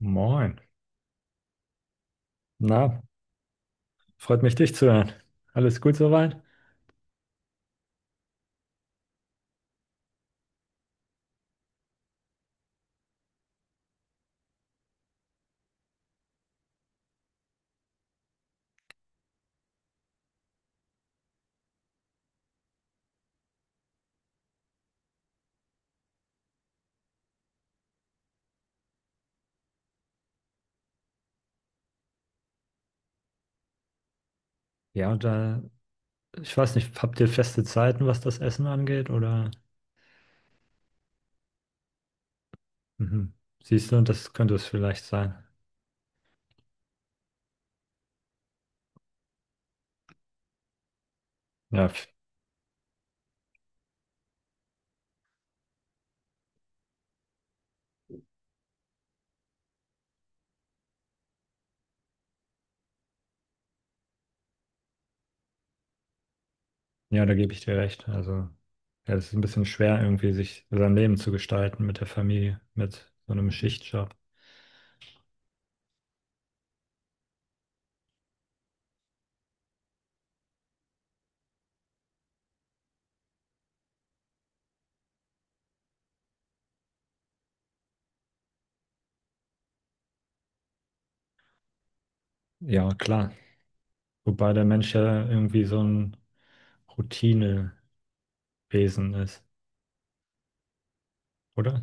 Moin. Na, freut mich, dich zu hören. Alles gut soweit? Ja, und da, ich weiß nicht, habt ihr feste Zeiten, was das Essen angeht? Oder mhm. Siehst du, das könnte es vielleicht sein. Ja, ja, da gebe ich dir recht. Also, ja, es ist ein bisschen schwer, irgendwie sich sein Leben zu gestalten mit der Familie, mit so einem Schichtjob. Ja, klar. Wobei der Mensch ja irgendwie so ein Routinewesen ist, oder?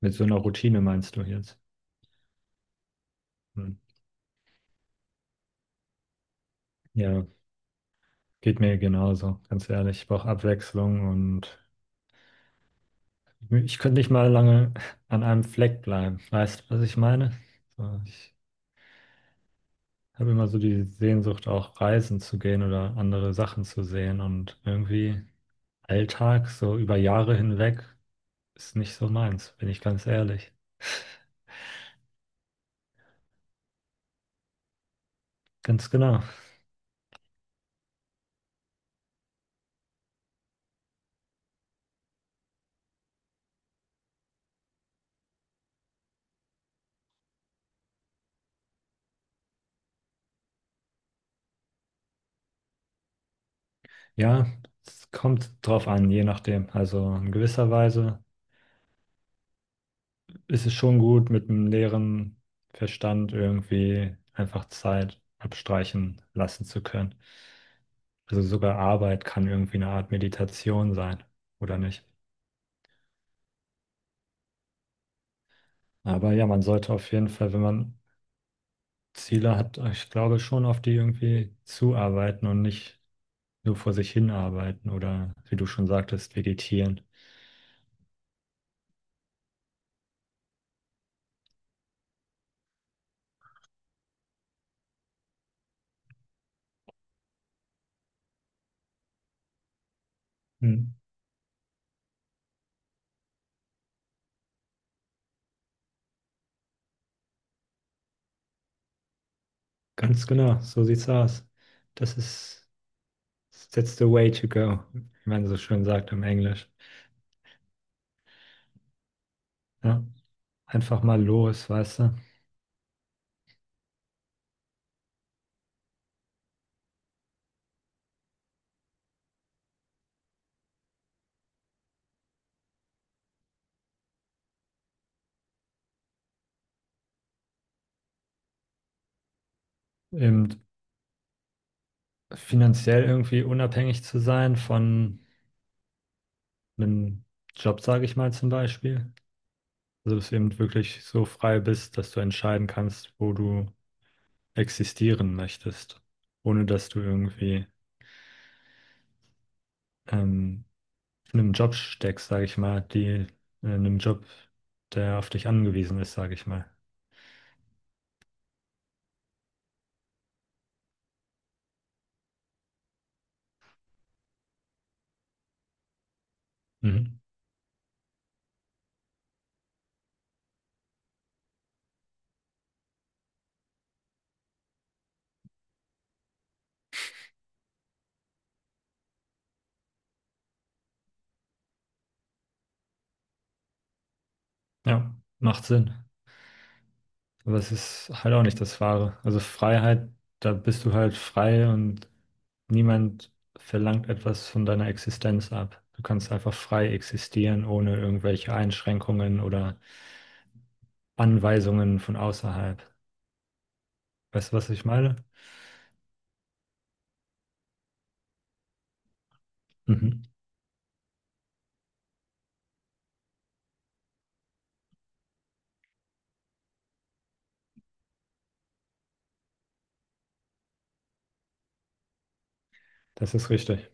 Mit so einer Routine meinst du jetzt? Hm. Ja, geht mir genauso, ganz ehrlich. Ich brauche Abwechslung, und ich könnte nicht mal lange an einem Fleck bleiben. Weißt du, was ich meine? So, ich habe immer so die Sehnsucht, auch reisen zu gehen oder andere Sachen zu sehen. Und irgendwie Alltag, so über Jahre hinweg, ist nicht so meins, bin ich ganz ehrlich. Ganz genau. Ja, es kommt drauf an, je nachdem. Also in gewisser Weise ist es schon gut, mit einem leeren Verstand irgendwie einfach Zeit abstreichen lassen zu können. Also sogar Arbeit kann irgendwie eine Art Meditation sein, oder nicht? Aber ja, man sollte auf jeden Fall, wenn man Ziele hat, ich glaube schon, auf die irgendwie zuarbeiten und nicht nur vor sich hinarbeiten oder, wie du schon sagtest, vegetieren. Hm. Ganz genau, so sieht's aus. Das ist, that's the way to go, wie man so schön sagt im Englisch. Ja, einfach mal los, weißt du? Eben finanziell irgendwie unabhängig zu sein von einem Job, sage ich mal, zum Beispiel. Also dass du eben wirklich so frei bist, dass du entscheiden kannst, wo du existieren möchtest, ohne dass du irgendwie ähm, in einem Job steckst, sage ich mal, die in einem Job, der auf dich angewiesen ist, sage ich mal. Mhm. Ja, macht Sinn. Aber es ist halt auch nicht das Wahre. Also Freiheit, da bist du halt frei und niemand verlangt etwas von deiner Existenz ab. Du kannst einfach frei existieren, ohne irgendwelche Einschränkungen oder Anweisungen von außerhalb. Weißt du, was ich meine? Mhm. Das ist richtig.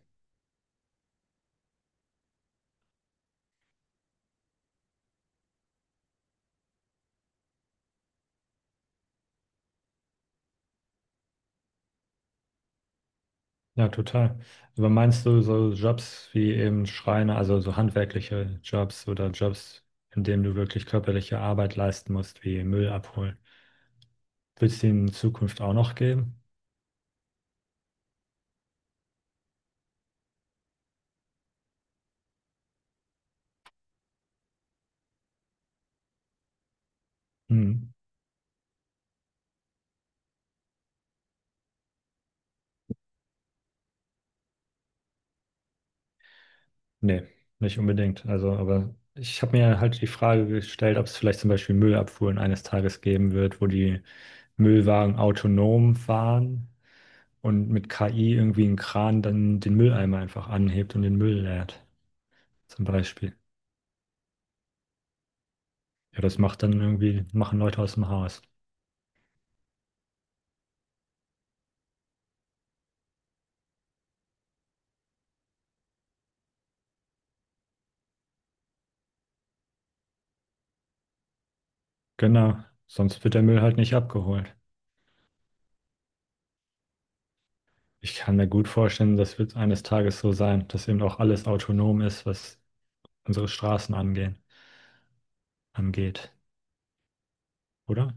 Ja, total. Aber meinst du so Jobs wie eben Schreiner, also so handwerkliche Jobs oder Jobs, in denen du wirklich körperliche Arbeit leisten musst, wie Müll abholen, wird es die in Zukunft auch noch geben? Mhm. Nee, nicht unbedingt. Also, aber ich habe mir halt die Frage gestellt, ob es vielleicht zum Beispiel Müllabfuhren eines Tages geben wird, wo die Müllwagen autonom fahren und mit KI irgendwie ein Kran dann den Mülleimer einfach anhebt und den Müll leert, zum Beispiel. Ja, das macht dann irgendwie, machen Leute aus dem Haus. Genau, sonst wird der Müll halt nicht abgeholt. Ich kann mir gut vorstellen, das wird eines Tages so sein, dass eben auch alles autonom ist, was unsere Straßen angeht, oder?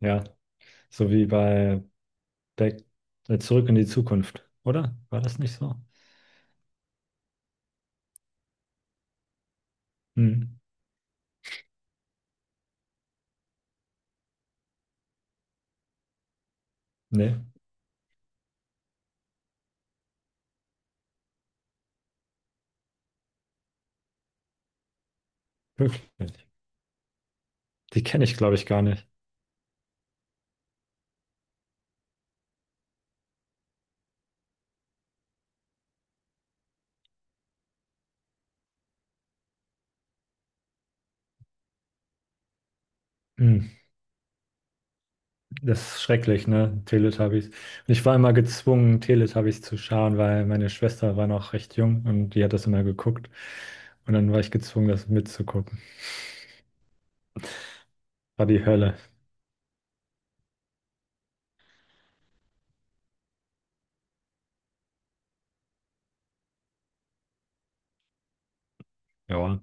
Ja, so wie bei Back, Zurück in die Zukunft, oder? War das nicht so? Hm. Nee, wirklich nicht. Die kenne ich, glaube ich, gar nicht. Hm. Das ist schrecklich, ne? Teletubbies. Und ich war immer gezwungen, Teletubbies zu schauen, weil meine Schwester war noch recht jung und die hat das immer geguckt. Und dann war ich gezwungen, das mitzugucken. War die Hölle. Ja.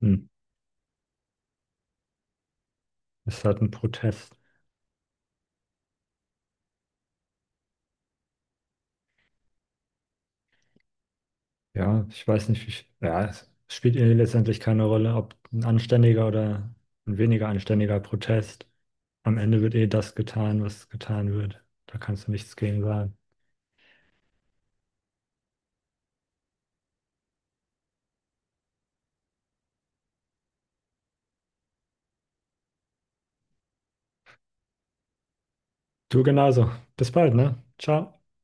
Hm. Ist halt ein Protest. Ja, ich weiß nicht, wie, ja, es spielt ihnen letztendlich keine Rolle, ob ein anständiger oder ein weniger anständiger Protest. Am Ende wird eh das getan, was getan wird. Da kannst du nichts gegen sagen. Du genauso. Bis bald, ne? Ciao.